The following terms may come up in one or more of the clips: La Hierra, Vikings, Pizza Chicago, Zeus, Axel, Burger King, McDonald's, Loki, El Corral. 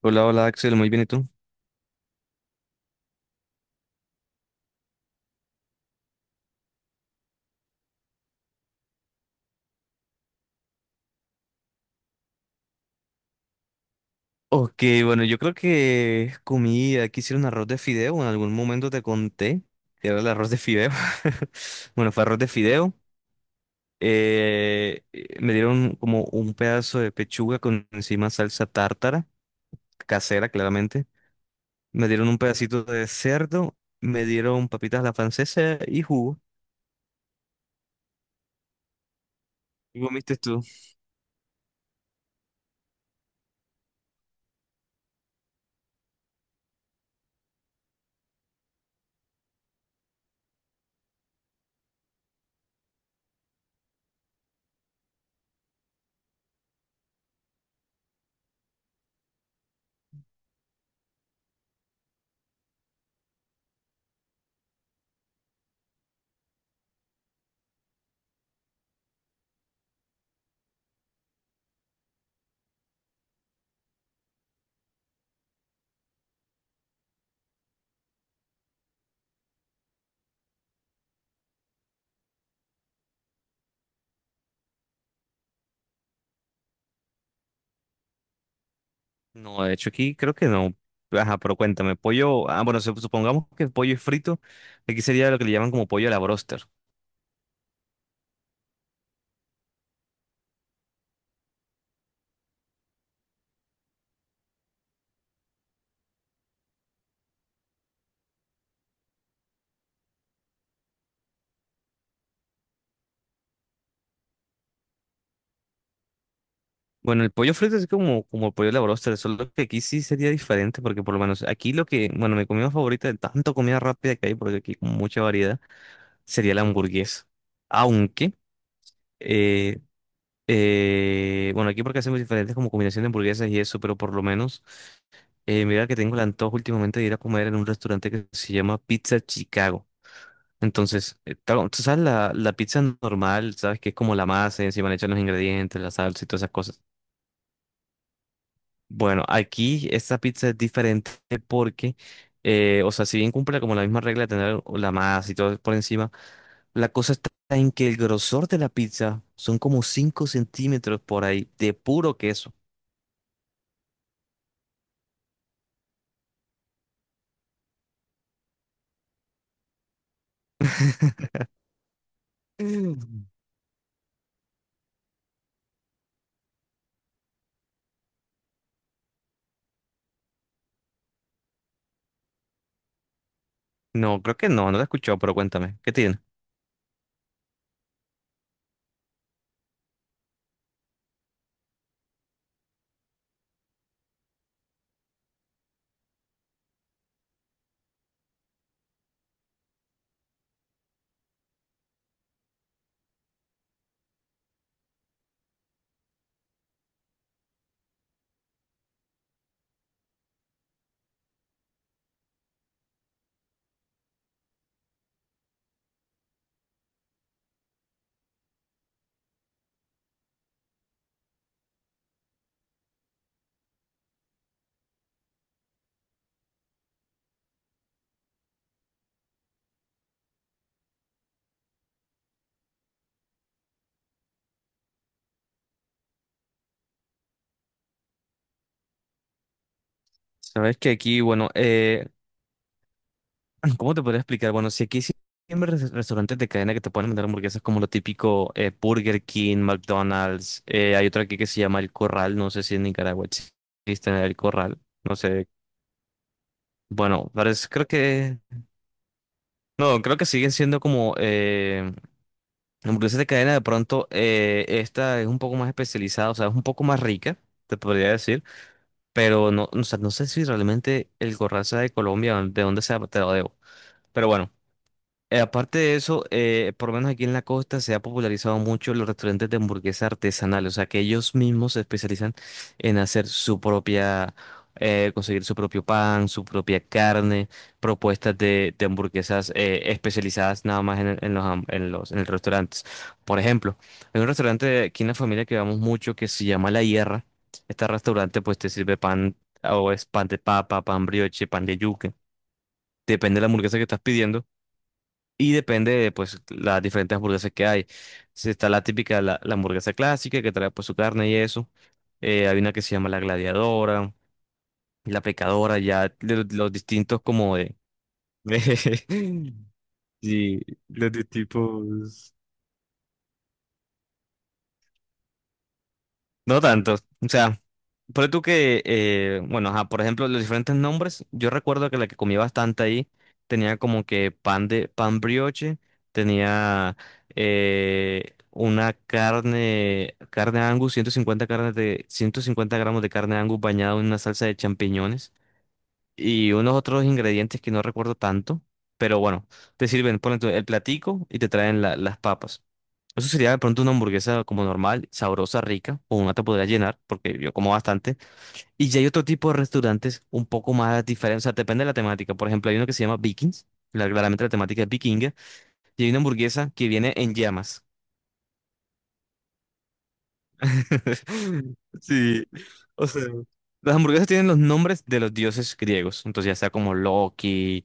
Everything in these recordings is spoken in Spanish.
Hola, hola Axel, muy bien, ¿y tú? Ok, bueno, yo creo que comí, aquí hicieron arroz de fideo, en algún momento te conté que era el arroz de fideo. Bueno, fue arroz de fideo. Me dieron como un pedazo de pechuga con encima salsa tártara, casera claramente. Me dieron un pedacito de cerdo, me dieron papitas a la francesa y jugo. ¿Y comiste tú? No, de hecho aquí creo que no. Ajá, pero cuéntame, pollo, ah, bueno, supongamos que el pollo es frito, aquí sería lo que le llaman como pollo a la broster. Bueno, el pollo frito es como, como el pollo a la broster, solo que aquí sí sería diferente, porque por lo menos aquí lo que, bueno, mi comida favorita de tanto comida rápida que hay, porque aquí hay como mucha variedad, sería la hamburguesa. Aunque, eh, bueno, aquí porque hacemos diferentes como combinación de hamburguesas y eso, pero por lo menos, mira que tengo el antojo últimamente de ir a comer en un restaurante que se llama Pizza Chicago. Entonces, tú sabes la pizza normal, sabes que es como la masa y encima le echan los ingredientes, la salsa y todas esas cosas. Bueno, aquí esta pizza es diferente porque, o sea, si bien cumple como la misma regla de tener la masa y todo por encima, la cosa está en que el grosor de la pizza son como 5 centímetros por ahí de puro queso. Mm. No, creo que no, no la he escuchado, pero cuéntame, ¿qué tiene? Sabes que aquí, bueno, ¿cómo te podría explicar? Bueno, si aquí siempre restaurantes de cadena que te pueden vender hamburguesas como lo típico, Burger King, McDonald's, hay otro aquí que se llama El Corral, no sé si en Nicaragua existe El Corral, no sé. Bueno, parece, creo que, no, creo que siguen siendo como hamburguesas de cadena, de pronto, esta es un poco más especializada, o sea, es un poco más rica, te podría decir, pero no, o sea, no sé si realmente El Corral sea de Colombia, de dónde sea, te lo debo. Pero bueno. Aparte de eso, por lo menos aquí en la costa se ha popularizado mucho los restaurantes de hamburguesa artesanal, o sea que ellos mismos se especializan en hacer su propia, conseguir su propio pan, su propia carne, propuestas de hamburguesas, especializadas nada más en, en los, en los, en los restaurantes. Por ejemplo, hay un restaurante de aquí en la familia que vamos mucho que se llama La Hierra. Este restaurante pues te sirve pan, o es pan de papa, pan brioche, pan de yuca, depende de la hamburguesa que estás pidiendo. Y depende de pues las diferentes hamburguesas que hay. Si está la típica, la hamburguesa clásica que trae pues su carne y eso. Hay una que se llama la gladiadora, la pecadora, ya de los, distintos como de... Sí, los distintos. No tanto. O sea, por tú que, bueno, ajá, por ejemplo, los diferentes nombres, yo recuerdo que la que comía bastante ahí tenía como que pan brioche, tenía una carne, carne de 150 gramos de carne Angus bañada en una salsa de champiñones y unos otros ingredientes que no recuerdo tanto, pero bueno, te sirven, ponen el platico y te traen las papas. Eso sería de pronto una hamburguesa como normal, sabrosa, rica, o una te podría llenar, porque yo como bastante. Y ya hay otro tipo de restaurantes un poco más diferentes, o sea, depende de la temática. Por ejemplo, hay uno que se llama Vikings, claramente la temática es vikinga, y hay una hamburguesa que viene en llamas. Sí, o sea, las hamburguesas tienen los nombres de los dioses griegos, entonces ya sea como Loki,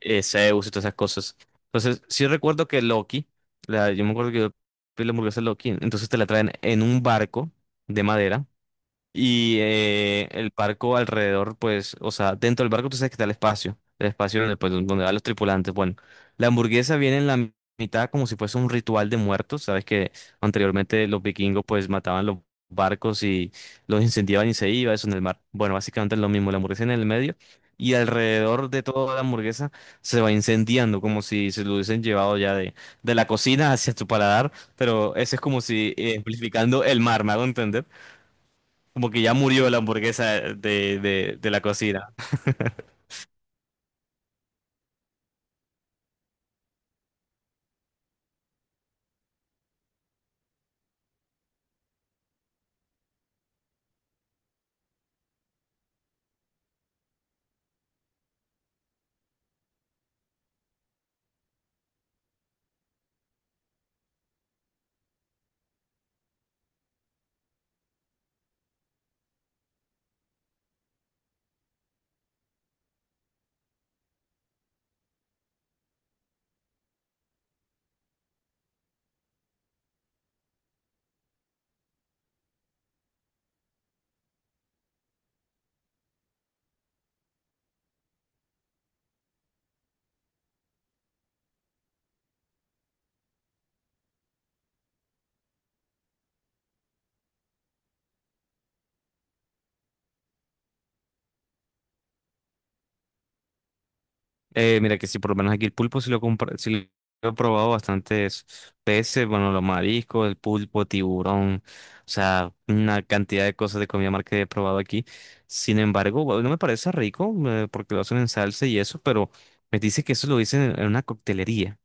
Zeus y todas esas cosas. Entonces, sí recuerdo que Loki, la, yo me acuerdo que yo pedí la hamburguesa de Loki, entonces te la traen en un barco de madera y, el barco alrededor, pues, o sea, dentro del barco tú sabes que está el espacio donde, pues, donde van los tripulantes. Bueno, la hamburguesa viene en la mitad como si fuese un ritual de muertos. Sabes que anteriormente los vikingos, pues, mataban los barcos y los incendiaban y se iba eso en el mar. Bueno, básicamente es lo mismo, la hamburguesa en el medio y alrededor de toda la hamburguesa se va incendiando como si se lo hubiesen llevado ya de la cocina hacia tu paladar, pero eso es como si, amplificando el mar, ¿me hago entender? Como que ya murió la hamburguesa de la cocina. Mira que sí, por lo menos aquí el pulpo sí lo, sí lo he probado, bastantes peces, bueno, los mariscos, el pulpo, tiburón, o sea, una cantidad de cosas de comida mar que he probado aquí. Sin embargo, bueno, no me parece rico, porque lo hacen en salsa y eso, pero me dice que eso lo dicen en una coctelería.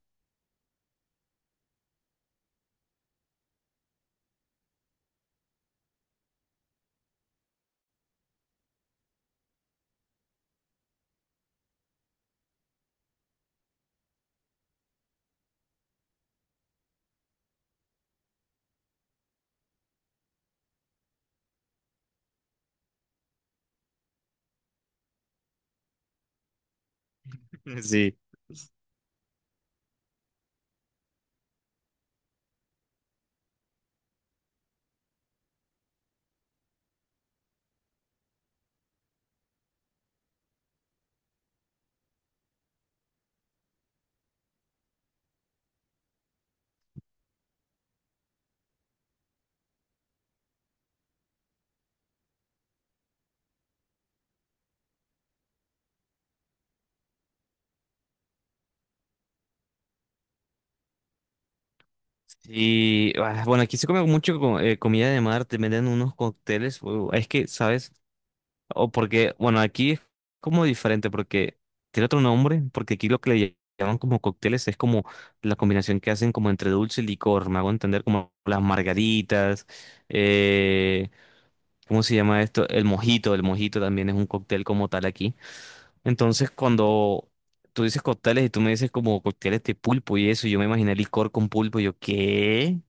Sí. Y ah, bueno, aquí se come mucho comida de mar, te venden unos cócteles, es que, ¿sabes? O porque, bueno, aquí es como diferente porque tiene otro nombre, porque aquí lo que le llaman como cócteles es como la combinación que hacen como entre dulce y licor, me hago entender como las margaritas, eh, ¿cómo se llama esto? El mojito también es un cóctel como tal aquí. Entonces, cuando tú dices cócteles y tú me dices como cócteles de pulpo y eso, yo me imaginé licor con pulpo, y yo, ¿qué?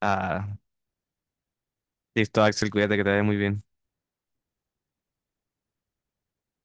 Ah, listo, Axel, cuídate que te vaya muy bien.